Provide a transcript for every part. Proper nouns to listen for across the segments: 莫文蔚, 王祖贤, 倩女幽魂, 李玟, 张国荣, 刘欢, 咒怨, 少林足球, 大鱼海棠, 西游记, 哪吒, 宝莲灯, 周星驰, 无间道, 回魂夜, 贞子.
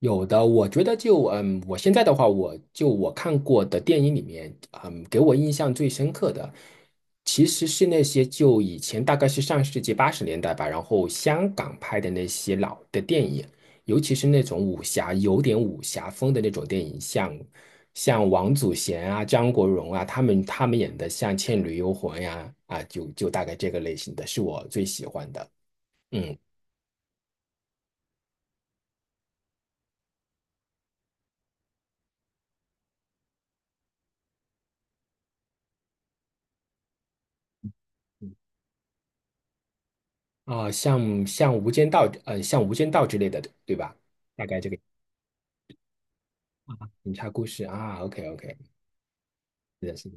有的，我觉得，我现在的话，我看过的电影里面，给我印象最深刻的，其实是那些就以前大概是上世纪80年代吧，然后香港拍的那些老的电影。尤其是那种武侠，有点武侠风的那种电影，像王祖贤啊、张国荣啊，他们演的像《倩女幽魂》呀，啊，就大概这个类型的是我最喜欢的。嗯。啊、像《无间道》之类的，对吧？大概这个警察故事啊，OK OK,是的，是的，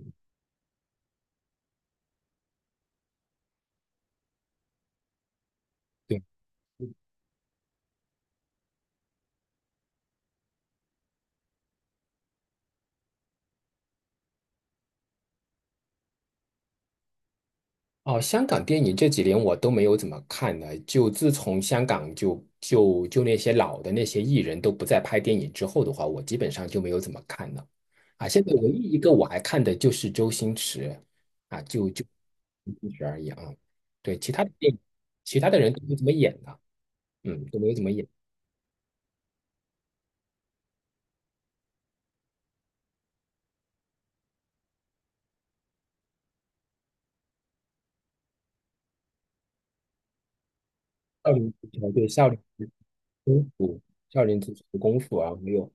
对。哦，香港电影这几年我都没有怎么看了，就自从香港就那些老的那些艺人都不再拍电影之后的话，我基本上就没有怎么看了。啊，现在唯一一个我还看的就是周星驰，就周星驰而已啊。对，其他的电影，其他的人都没怎么演了，都没有怎么演。少林足球，对，少林。功夫，少林足球的功夫啊，没有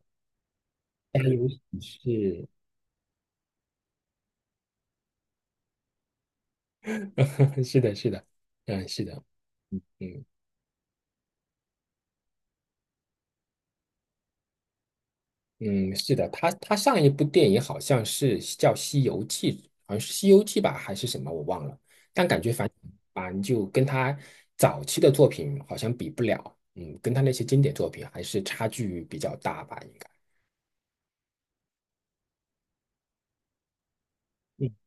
还有是，是的，是的，嗯，是的，嗯嗯，是的，他上一部电影好像是叫《西游记》，好像是《西游记》吧，还是什么，我忘了。但感觉就跟他早期的作品好像比不了，嗯，跟他那些经典作品还是差距比较大吧，应该。嗯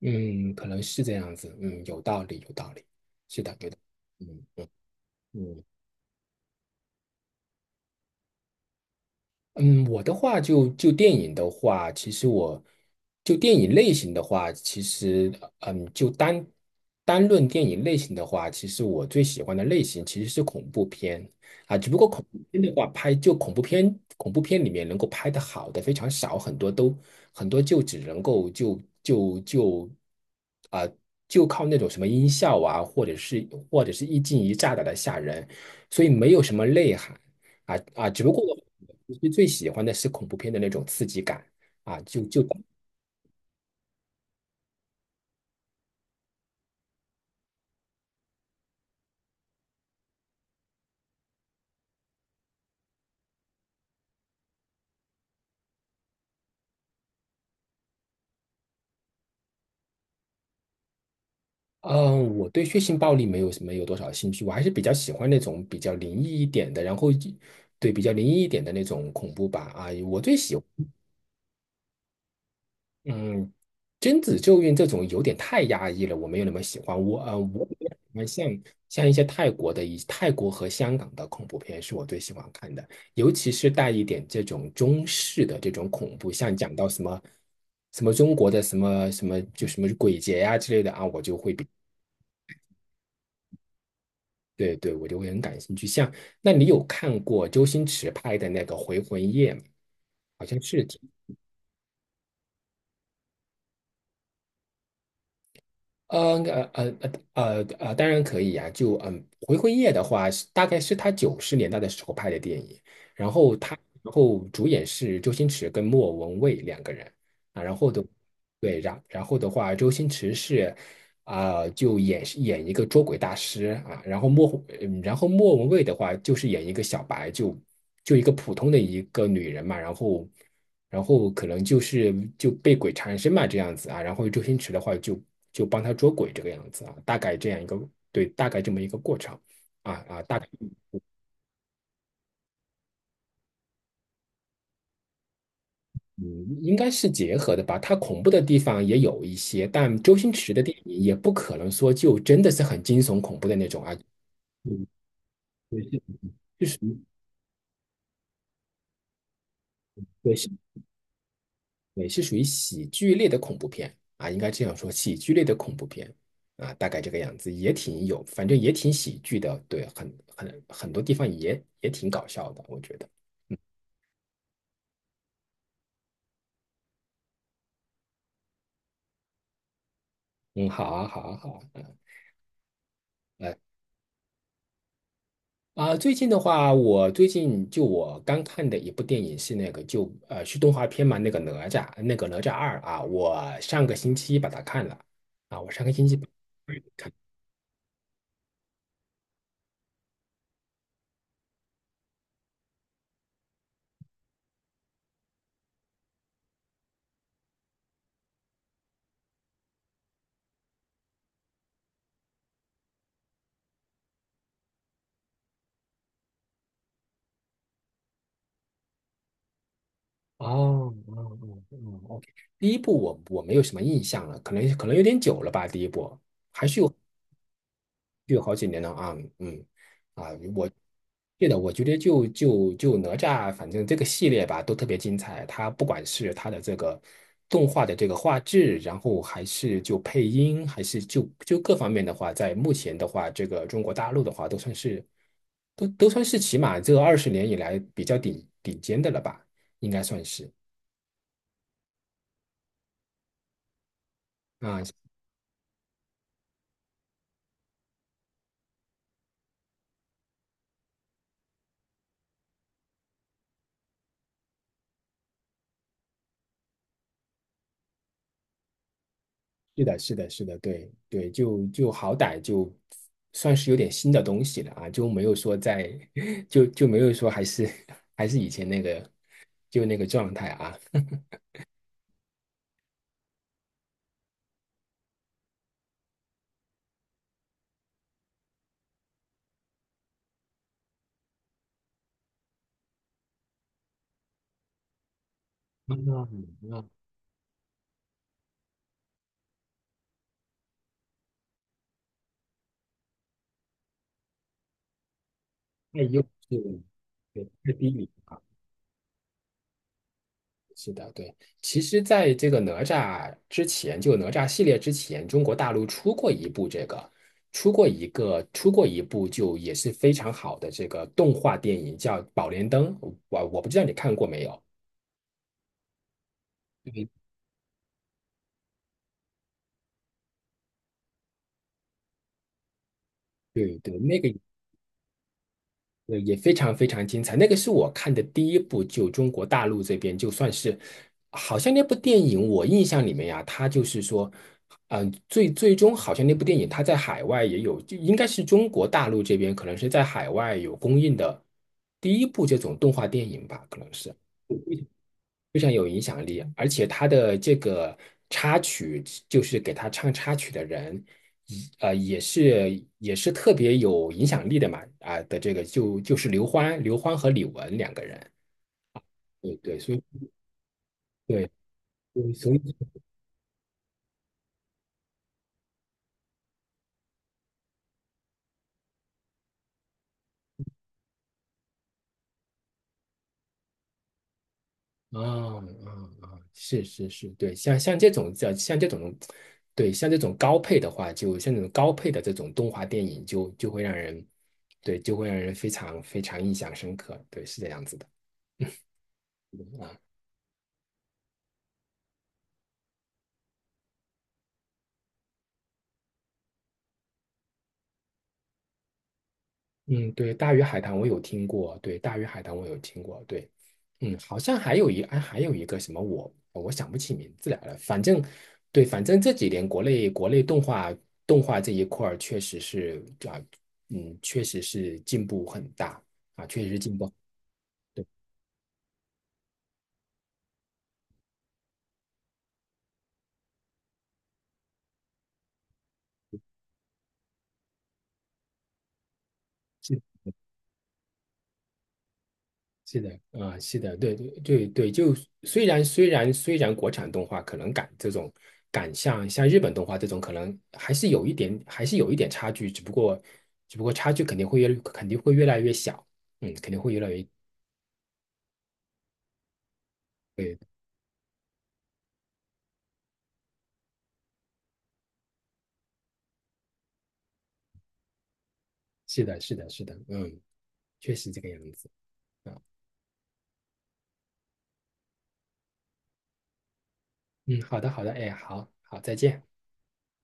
嗯，可能是这样子，嗯，有道理，有道理，是的，对的，嗯。嗯，嗯嗯，我的话就电影的话，其实我就电影类型的话，其实就单论电影类型的话，其实我最喜欢的类型其实是恐怖片啊，只不过恐怖片的话，拍就恐怖片，恐怖片里面能够拍得好的非常少，很多就只能够啊、就靠那种什么音效啊，或者是或者是一惊一乍的来吓人，所以没有什么内涵。只不过我其实最喜欢的是恐怖片的那种刺激感啊，就。嗯，我对血腥暴力没有多少兴趣，我还是比较喜欢那种比较灵异一点的，然后对比较灵异一点的那种恐怖吧啊，我最喜欢嗯，贞子咒怨这种有点太压抑了，我没有那么喜欢。我比较喜欢像一些泰国的一泰国和香港的恐怖片是我最喜欢看的，尤其是带一点这种中式的这种恐怖，像讲到什么什么中国的什么什么就什么鬼节呀、之类的啊，我就会对对，我就会很感兴趣。那你有看过周星驰拍的那个《回魂夜》吗？好像是。呃呃呃当然可以呀、回魂夜》的话是大概是他90年代的时候拍的电影，然后他然后主演是周星驰跟莫文蔚两个人啊，然后的对，然后的话，周星驰是啊、就演一个捉鬼大师啊，然后莫文蔚的话就是演一个小白，就一个普通的一个女人嘛，然后。然后可能就是被鬼缠身嘛这样子啊。然后周星驰的话就帮他捉鬼这个样子啊，大概这样一个，对，大概这么一个过程大概嗯应该是结合的吧。它恐怖的地方也有一些，但周星驰的电影也不可能说就真的是很惊悚恐怖的那种啊，嗯，对，是，就是，对，也是属于喜剧类的恐怖片啊，应该这样说，喜剧类的恐怖片啊，大概这个样子，也挺有，反正也挺喜剧的，对，很多地方也挺搞笑的，我觉得。嗯，嗯，好啊，好啊，好啊，来啊，最近的话，我最近就我刚看的一部电影是那个就是动画片嘛，那个哪吒，那个哪吒2啊，我上个星期把它看了啊，我上个星期把，哦，哦哦哦，OK,第一部我没有什么印象了，可能有点久了吧，第一部还是有好几年了啊，啊，我对的，我觉得就哪吒，反正这个系列吧都特别精彩，它不管是它的这个动画的这个画质，然后还是就配音，还是就就各方面的话，在目前的话，这个中国大陆的话，都算是起码这20年以来比较顶尖的了吧，应该算是。啊。是的，是的，是的，对对，就好歹就算是有点新的东西了啊，就没有说在，就没有说还是以前那个就那个状态啊，嗯啊，那太幼稚了，对，太低龄了啊，是的，对。其实，在这个哪吒之前，就哪吒系列之前，中国大陆出过一部这个，出过一个，出过一部就也是非常好的这个动画电影，叫《宝莲灯》，我不知道你看过没有。对对，那个也非常非常精彩，那个是我看的第一部，就中国大陆这边就算是，好像那部电影我印象里面呀、它就是说，嗯、最终好像那部电影它在海外也有，就应该是中国大陆这边可能是在海外有公映的第一部这种动画电影吧，可能是。非常有影响力，而且他的这个插曲，就是给他唱插曲的人，也是特别有影响力的嘛，啊、的这个就是刘欢和李玟两个人，对对，所以，对对，所以，啊啊是是是，对，像这种叫像这种，对，像这种高配的话，就像这种高配的这种动画电影就会让人，对，就会让人非常非常印象深刻，对，是这样子的。啊。嗯，对，大鱼海棠我有听过，对，大鱼海棠我有听过，对，嗯，好像还有哎，还有一个什么哦，我想不起名字来了，反正，对，反正这几年国内动画这一块儿确实是啊，嗯，确实是进步很大啊，确实是进步，对，是的，啊、是的，对对对对，就虽然国产动画可能赶这种赶像日本动画这种，可能还是有一点差距，只不过差距肯定会越来越小，嗯，肯定会越来越，对，是的，是的，是的，嗯，确实这个样子啊，嗯，好的，好的，哎，好好，再见，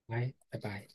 拜拜拜。